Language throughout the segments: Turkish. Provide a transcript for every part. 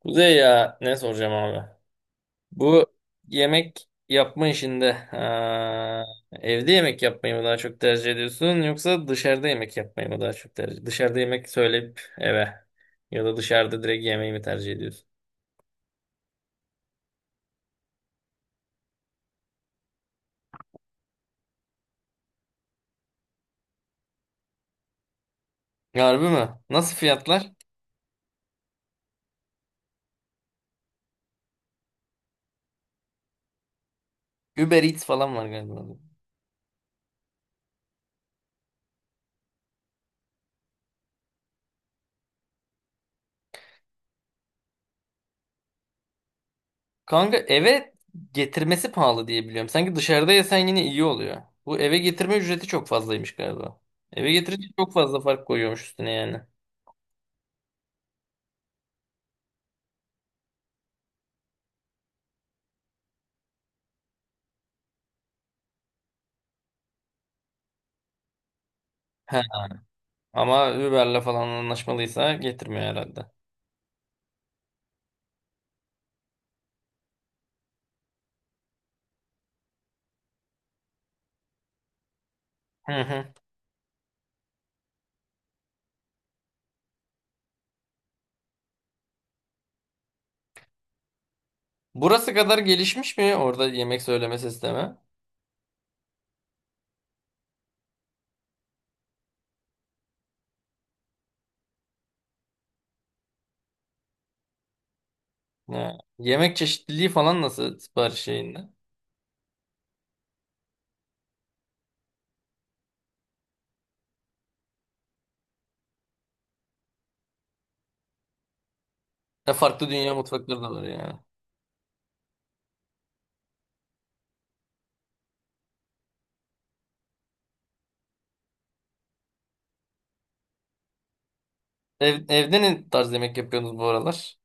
Kuzey ya ne soracağım abi? Bu yemek yapma işinde ha, evde yemek yapmayı mı daha çok tercih ediyorsun yoksa dışarıda yemek yapmayı mı daha çok tercih? Dışarıda yemek söyleyip eve ya da dışarıda direkt yemeği mi tercih ediyorsun? Harbi mi? Nasıl fiyatlar? Uber Eats falan var galiba. Kanka eve getirmesi pahalı diye biliyorum. Sanki dışarıda yesen yine iyi oluyor. Bu eve getirme ücreti çok fazlaymış galiba. Eve getirince çok fazla fark koyuyormuş üstüne yani. He, ama Uber'le falan anlaşmalıysa getirmiyor herhalde. Hı hı. Burası kadar gelişmiş mi orada yemek söyleme sistemi? Ha, yemek çeşitliliği falan nasıl sipariş şeyinde? Ya farklı dünya mutfakları da var yani. Evde ne tarz yemek yapıyorsunuz bu aralar?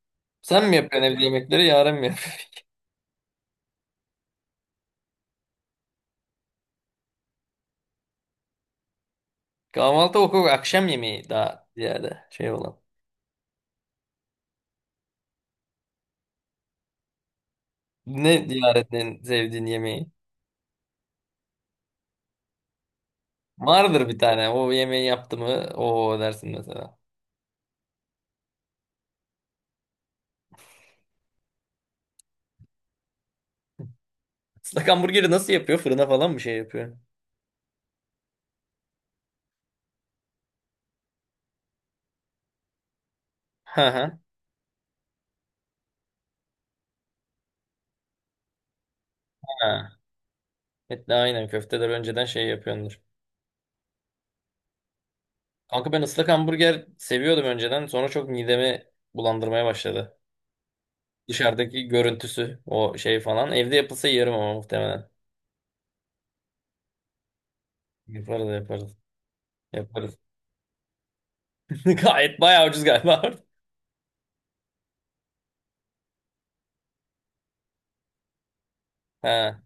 Sen mi yapıyorsun evde yemekleri, Yaren mi yapıyor? Kahvaltı okul akşam yemeği daha ziyade şey olan. Ne Yaren'in sevdiğin yemeği? Vardır bir tane. O yemeği yaptı mı? O dersin mesela. Islak hamburgeri nasıl yapıyor? Fırına falan mı şey yapıyor? Hı hı. Ha. Evet, de aynen köfteler önceden şey yapıyordur. Kanka ben ıslak hamburger seviyordum önceden. Sonra çok midemi bulandırmaya başladı. Dışarıdaki görüntüsü, o şey falan. Evde yapılsa yerim ama muhtemelen. Yaparız yaparız. Yaparız. Gayet bayağı ucuz galiba. Ha.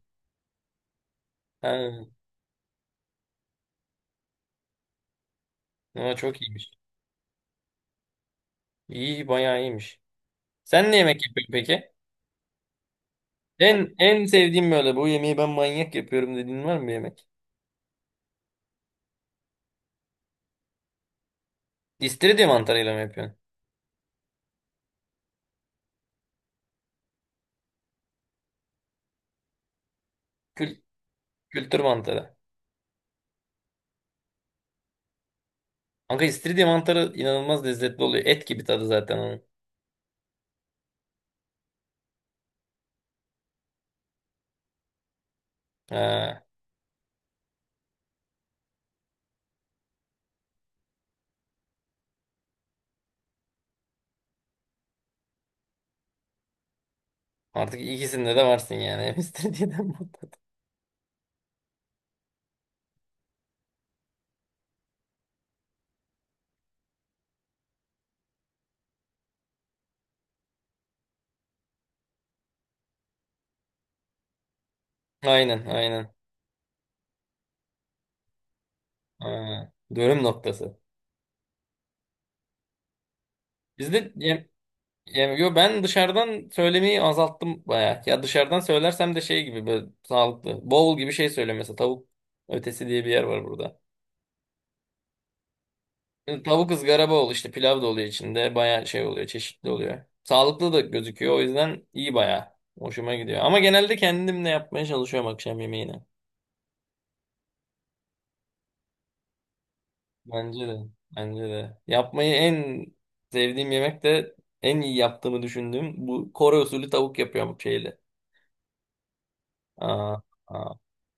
Ha. Ama çok iyiymiş. İyi bayağı iyiymiş. Sen ne yemek yapıyorsun peki? En sevdiğim böyle bu yemeği ben manyak yapıyorum dediğin var mı bir yemek? İstiridye mantarıyla mı yapıyorsun? Kül kültür mantarı. Kanka istiridye mantarı inanılmaz lezzetli oluyor. Et gibi tadı zaten onun. Ha. Artık ikisinde de varsın yani. Hem istiridyeden mantar. Aynen aynen. Ha. Dönüm noktası. Bizde. Yani yo ben dışarıdan söylemeyi azalttım bayağı. Ya dışarıdan söylersem de şey gibi böyle sağlıklı. Bowl gibi şey söylüyorum mesela tavuk ötesi diye bir yer var burada. Şimdi tavuk ızgara bowl işte pilav da oluyor içinde. Bayağı şey oluyor çeşitli oluyor. Sağlıklı da gözüküyor o yüzden iyi bayağı. Hoşuma gidiyor. Ama genelde kendimle yapmaya çalışıyorum akşam yemeğini. Bence de. Bence de. Yapmayı en sevdiğim yemek de en iyi yaptığımı düşündüğüm bu Kore usulü tavuk yapıyorum şeyle. Aa, aa.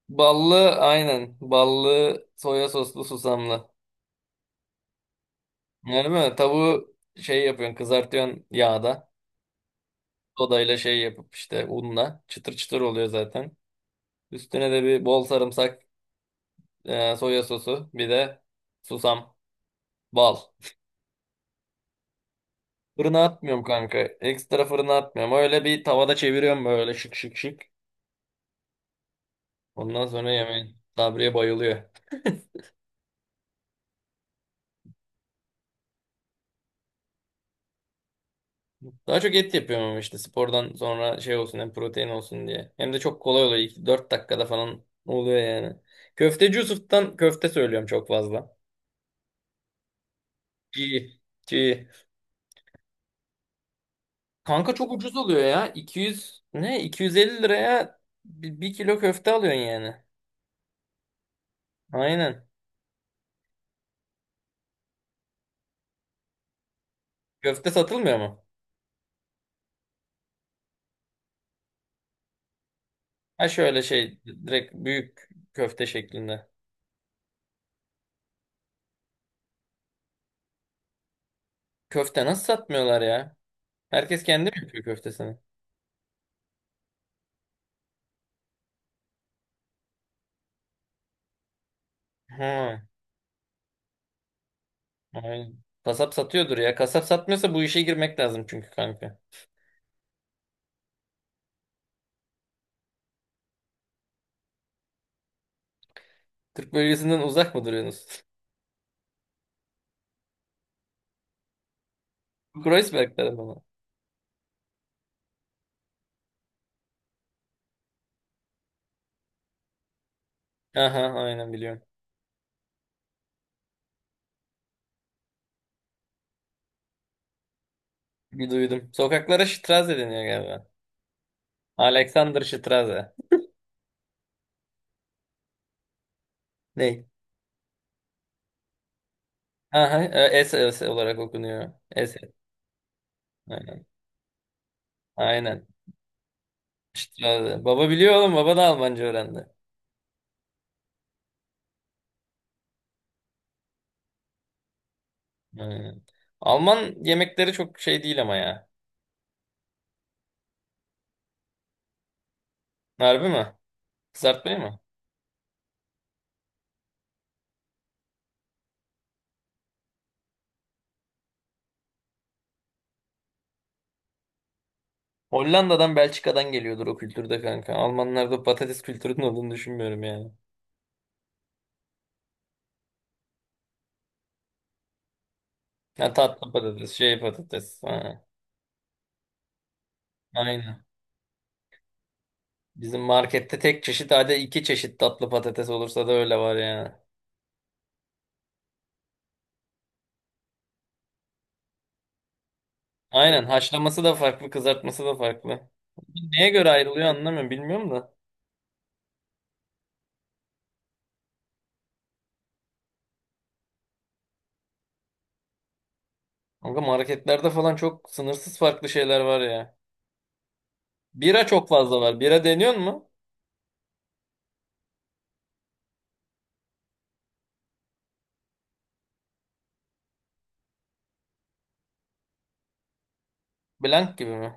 Ballı aynen. Ballı soya soslu susamlı. Öyle mi? Tavuğu şey yapıyorsun kızartıyorsun yağda. Sodayla şey yapıp işte unla. Çıtır çıtır oluyor zaten. Üstüne de bir bol sarımsak, soya sosu. Bir de susam. Bal. Fırına atmıyorum kanka. Ekstra fırına atmıyorum. Öyle bir tavada çeviriyorum böyle şık şık şık. Ondan sonra yemeğin. Sabriye bayılıyor. Daha çok et yapıyorum ama işte spordan sonra şey olsun hem protein olsun diye. Hem de çok kolay oluyor. İlk 4 dakikada falan oluyor yani. Köfteci Yusuf'tan köfte söylüyorum çok fazla. İyi. İyi. Kanka çok ucuz oluyor ya. 200 ne? 250 liraya bir kilo köfte alıyorsun yani. Aynen. Köfte satılmıyor mu? Ha şöyle şey direkt büyük köfte şeklinde. Köfte nasıl satmıyorlar ya? Herkes kendi mi yapıyor köftesini? Hı. Aynen. Kasap satıyordur ya. Kasap satmıyorsa bu işe girmek lazım çünkü kanka. Türk bölgesinden uzak mı duruyorsunuz? Kreuzberg tarafı mı? Aha aynen biliyorum. Bir duydum. Sokaklara Straße deniyor galiba. Alexander Straße. Ne? Aha, S, S olarak okunuyor. S. Aynen. Aynen. Straße. Baba biliyor oğlum. Baba da Almanca öğrendi. Aynen. Alman yemekleri çok şey değil ama ya. Harbi mi? Kızartmayı mı? Hollanda'dan Belçika'dan geliyordur o kültürde kanka. Almanlarda patates kültürünün olduğunu düşünmüyorum yani. Ha, tatlı patates, şey patates. Ha, aynen. Bizim markette tek çeşit hadi iki çeşit tatlı patates olursa da öyle var yani. Aynen haşlaması da farklı, kızartması da farklı. Neye göre ayrılıyor anlamıyorum bilmiyorum da. Kanka marketlerde falan çok sınırsız farklı şeyler var ya. Bira çok fazla var. Bira deniyor mu? Blank gibi mi?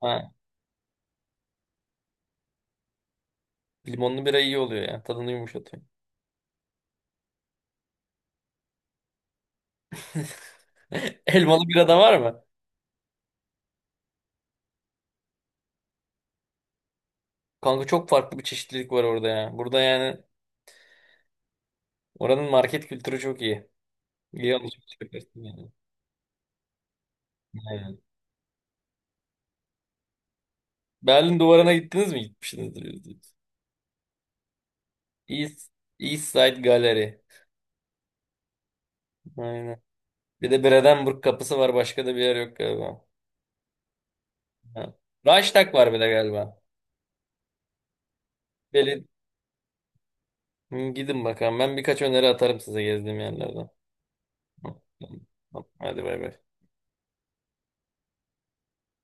Ha, limonlu bira iyi oluyor ya. Tadını yumuşatıyor. Elmalı bira da var mı? Kanka çok farklı bir çeşitlilik var orada ya. Burada yani oranın market kültürü çok iyi. İyi alışveriş yaparsın yani. Aynen. Berlin duvarına gittiniz mi? Gitmişsinizdir. %100. East, East Side Gallery. Aynen. Bir de Brandenburg kapısı var. Başka da bir yer yok galiba. Ha. Reichstag var bir de galiba. Belin. Hı, gidin bakalım. Ben birkaç öneri atarım size gezdiğim yerlerden. Hı, tamam. Hadi bay bay.